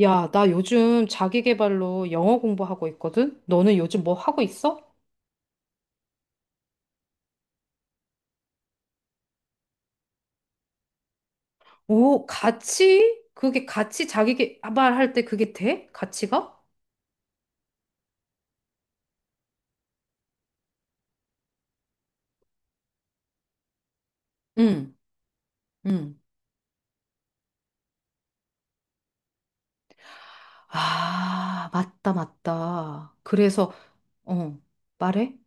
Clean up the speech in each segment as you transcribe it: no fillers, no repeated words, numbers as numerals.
야, 나 요즘 자기 계발로 영어 공부하고 있거든? 너는 요즘 뭐 하고 있어? 오, 같이? 그게 같이 자기 계발할 때 그게 돼? 같이가? 응, 응. 아, 맞다, 맞다. 그래서, 어, 말해?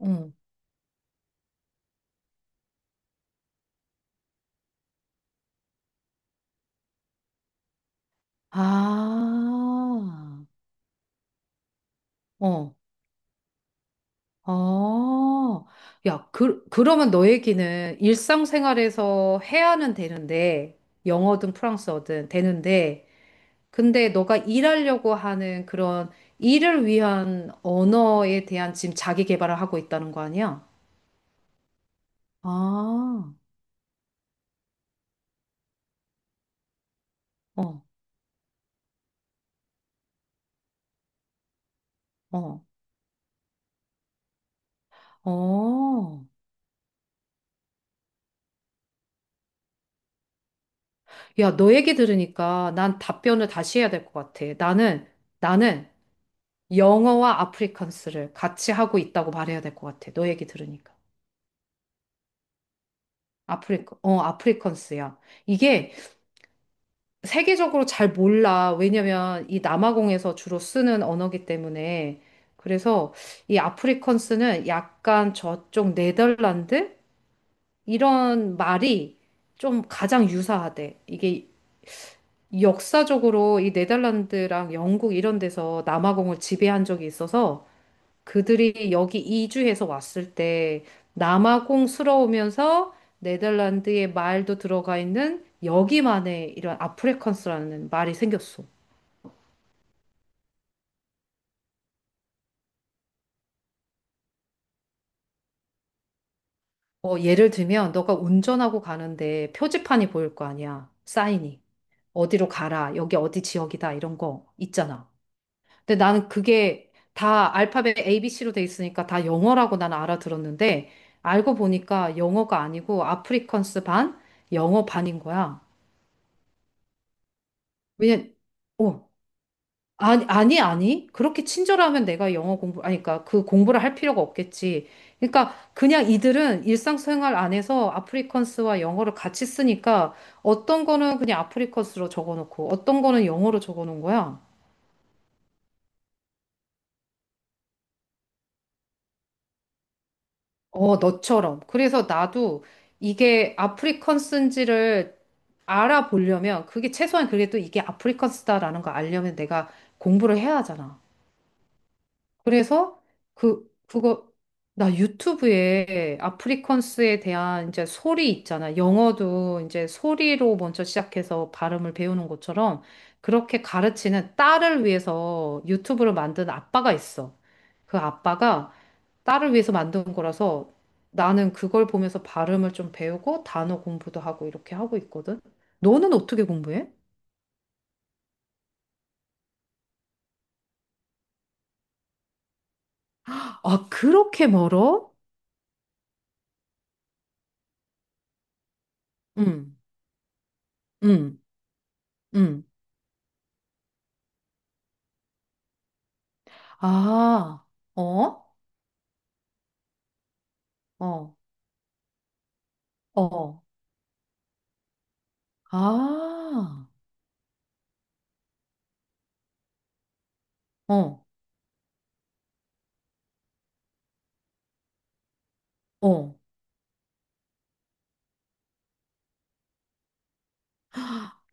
응. 아, 어, 어. 야, 그러면 너 얘기는 일상생활에서 해야는 되는데, 영어든 프랑스어든 되는데, 근데 너가 일하려고 하는 그런 일을 위한 언어에 대한 지금 자기 개발을 하고 있다는 거 아니야? 아, 어, 어, 어. 야, 너 얘기 들으니까 난 답변을 다시 해야 될 것 같아. 나는, 나는 영어와 아프리칸스를 같이 하고 있다고 말해야 될 것 같아. 너 얘기 들으니까. 아프리, 어, 아프리칸스야. 이게 세계적으로 잘 몰라. 왜냐면 이 남아공에서 주로 쓰는 언어기 때문에. 그래서 이 아프리컨스는 약간 저쪽 네덜란드? 이런 말이 좀 가장 유사하대. 이게 역사적으로 이 네덜란드랑 영국 이런 데서 남아공을 지배한 적이 있어서 그들이 여기 이주해서 왔을 때 남아공스러우면서 네덜란드의 말도 들어가 있는 여기만의 이런 아프리컨스라는 말이 생겼어. 어, 예를 들면, 너가 운전하고 가는데 표지판이 보일 거 아니야. 사인이. 어디로 가라. 여기 어디 지역이다. 이런 거 있잖아. 근데 나는 그게 다 알파벳 ABC로 돼 있으니까 다 영어라고 나는 알아들었는데, 알고 보니까 영어가 아니고 아프리컨스 반, 영어 반인 거야. 왜냐, 어, 아니. 그렇게 친절하면 내가 영어 공부, 아니, 그러니까 그 공부를 할 필요가 없겠지. 그러니까 그냥 이들은 일상생활 안에서 아프리컨스와 영어를 같이 쓰니까 어떤 거는 그냥 아프리컨스로 적어놓고 어떤 거는 영어로 적어놓은 거야. 어, 너처럼. 그래서 나도 이게 아프리컨스인지를 알아보려면 그게 최소한 그게 또 이게 아프리컨스다라는 걸 알려면 내가 공부를 해야 하잖아. 그래서 그, 그거, 나 유튜브에 아프리컨스에 대한 이제 소리 있잖아. 영어도 이제 소리로 먼저 시작해서 발음을 배우는 것처럼 그렇게 가르치는 딸을 위해서 유튜브를 만든 아빠가 있어. 그 아빠가 딸을 위해서 만든 거라서 나는 그걸 보면서 발음을 좀 배우고 단어 공부도 하고 이렇게 하고 있거든. 너는 어떻게 공부해? 아, 그렇게 멀어? 응, 응, 응. 아, 어? 어, 어, 아, 어, 어.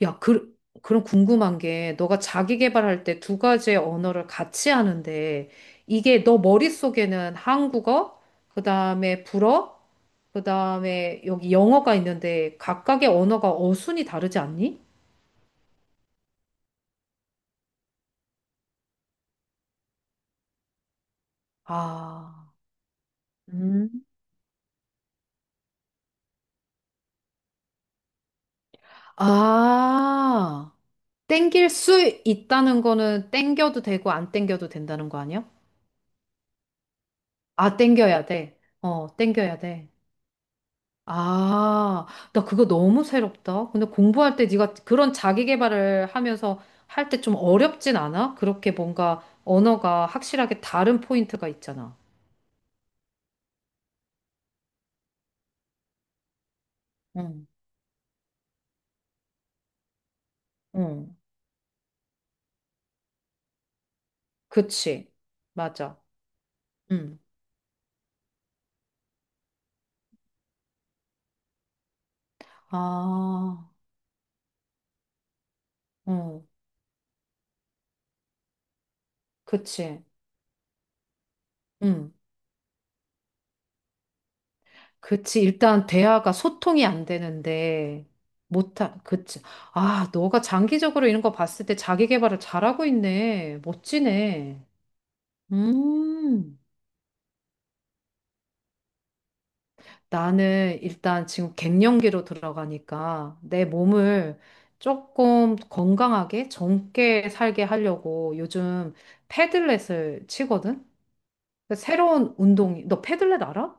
야, 그럼 궁금한 게, 너가 자기 개발할 때 두 가지의 언어를 같이 하는데, 이게 너 머릿속에는 한국어, 그 다음에 불어, 그 다음에 여기 영어가 있는데, 각각의 언어가 어순이 다르지 않니? 아, 음. 아, 땡길 수 있다는 거는 땡겨도 되고, 안 땡겨도 된다는 거 아니야? 아, 땡겨야 돼. 어, 땡겨야 돼. 아, 나 그거 너무 새롭다. 근데 공부할 때 네가 그런 자기 개발을 하면서 할 때 좀 어렵진 않아? 그렇게 뭔가 언어가 확실하게 다른 포인트가 있잖아. 응, 응, 그치. 맞아. 응. 아, 응, 그치. 응, 그치. 일단 대화가 소통이 안 되는데 못하, 그치. 아, 너가 장기적으로 이런 거 봤을 때 자기 개발을 잘하고 있네. 멋지네. 음. 나는 일단 지금 갱년기로 들어가니까 내 몸을 조금 건강하게 젊게 살게 하려고 요즘 패들렛을 치거든? 그 새로운 운동이, 너 패들렛 알아?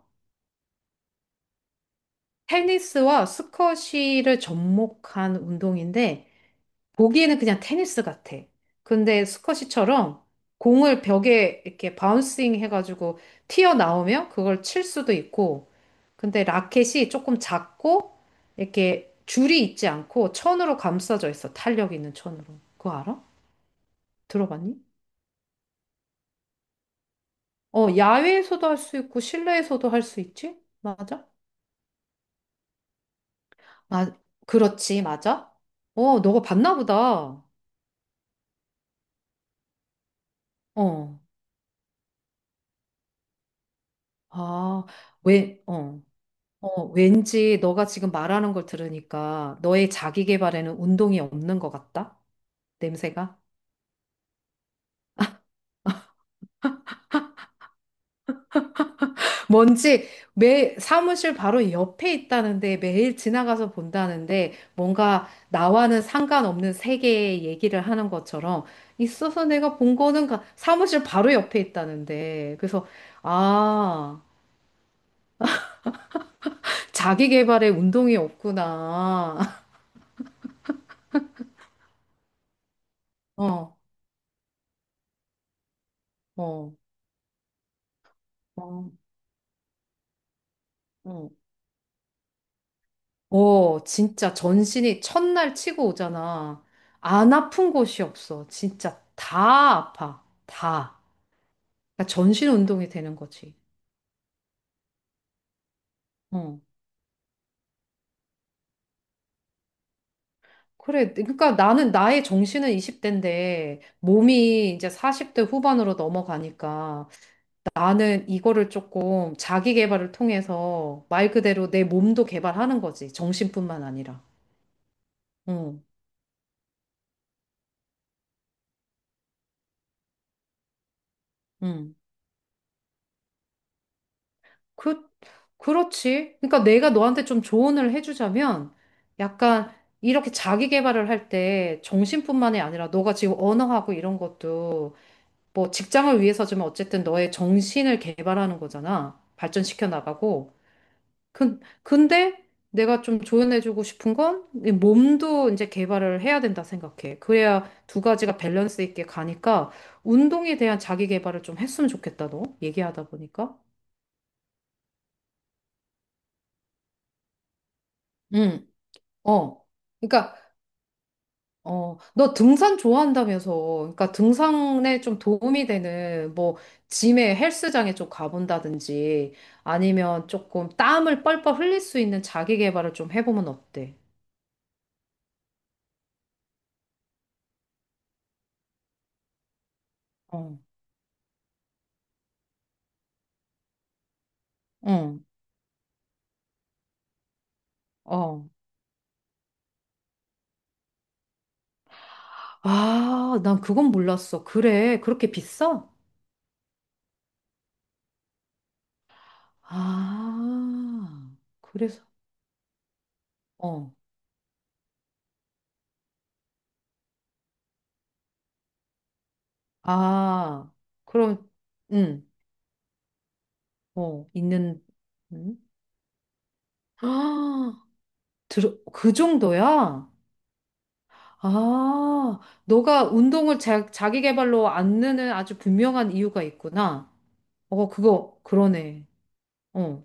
테니스와 스쿼시를 접목한 운동인데 보기에는 그냥 테니스 같아. 근데 스쿼시처럼 공을 벽에 이렇게 바운싱 해가지고 튀어나오면 그걸 칠 수도 있고, 근데 라켓이 조금 작고, 이렇게 줄이 있지 않고 천으로 감싸져 있어. 탄력 있는 천으로. 그거 알아? 들어봤니? 어, 야외에서도 할 수 있고, 실내에서도 할 수 있지? 맞아? 아, 그렇지, 맞아? 어, 너가 봤나 보다. 어. 아, 왜, 어. 어, 왠지 너가 지금 말하는 걸 들으니까 너의 자기 개발에는 운동이 없는 것 같다? 냄새가? 뭔지 매 사무실 바로 옆에 있다는데 매일 지나가서 본다는데 뭔가 나와는 상관없는 세계의 얘기를 하는 것처럼 있어서 내가 본 거는 가- 사무실 바로 옆에 있다는데 그래서 아, 자기 개발에 운동이 없구나. 어, 어, 어, 어. 어, 진짜 전신이 첫날 치고 오잖아. 안 아픈 곳이 없어. 진짜 다 아파. 다. 그러니까 전신 운동이 되는 거지. 어. 그래. 그러니까 나는 나의 정신은 20대인데 몸이 이제 40대 후반으로 넘어가니까 나는 이거를 조금 자기 개발을 통해서 말 그대로 내 몸도 개발하는 거지. 정신뿐만 아니라. 응. 응. 그, 그렇지. 그러니까 내가 너한테 좀 조언을 해주자면 약간 이렇게 자기 개발을 할 때 정신뿐만이 아니라 너가 지금 언어하고 이런 것도 뭐 직장을 위해서지만 어쨌든 너의 정신을 개발하는 거잖아. 발전시켜 나가고. 근데 내가 좀 조언해주고 싶은 건이 몸도 이제 개발을 해야 된다 생각해. 그래야 두 가지가 밸런스 있게 가니까 운동에 대한 자기 개발을 좀 했으면 좋겠다, 너. 얘기하다 보니까. 응, 어. 그러니까 어, 너 등산 좋아한다면서. 그러니까 등산에 좀 도움이 되는 뭐 짐에 헬스장에 좀 가본다든지 아니면 조금 땀을 뻘뻘 흘릴 수 있는 자기 개발을 좀 해보면 어때? 어, 응, 어. 아, 난 그건 몰랐어. 그래, 그렇게 비싸? 아, 그래서, 어. 아, 그럼, 응, 어, 있는, 응? 아, 들, 그 정도야? 아, 너가 운동을 자기 개발로 안 느는 아주 분명한 이유가 있구나. 어, 그거, 그러네. 어.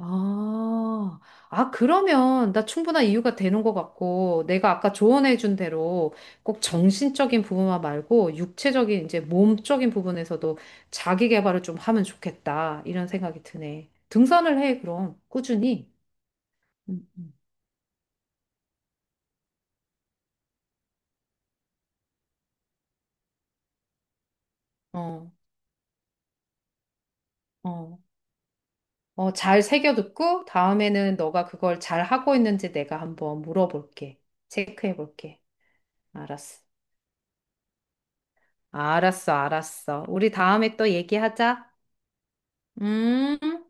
아, 아, 그러면 나 충분한 이유가 되는 것 같고, 내가 아까 조언해준 대로 꼭 정신적인 부분만 말고, 육체적인, 이제 몸적인 부분에서도 자기 개발을 좀 하면 좋겠다. 이런 생각이 드네. 등산을 해, 그럼. 꾸준히. 음, 음. 어, 어. 어, 잘 새겨 듣고 다음에는 너가 그걸 잘 하고 있는지 내가 한번 물어볼게. 체크해 볼게. 알았어. 알았어, 알았어. 우리 다음에 또 얘기하자. 음.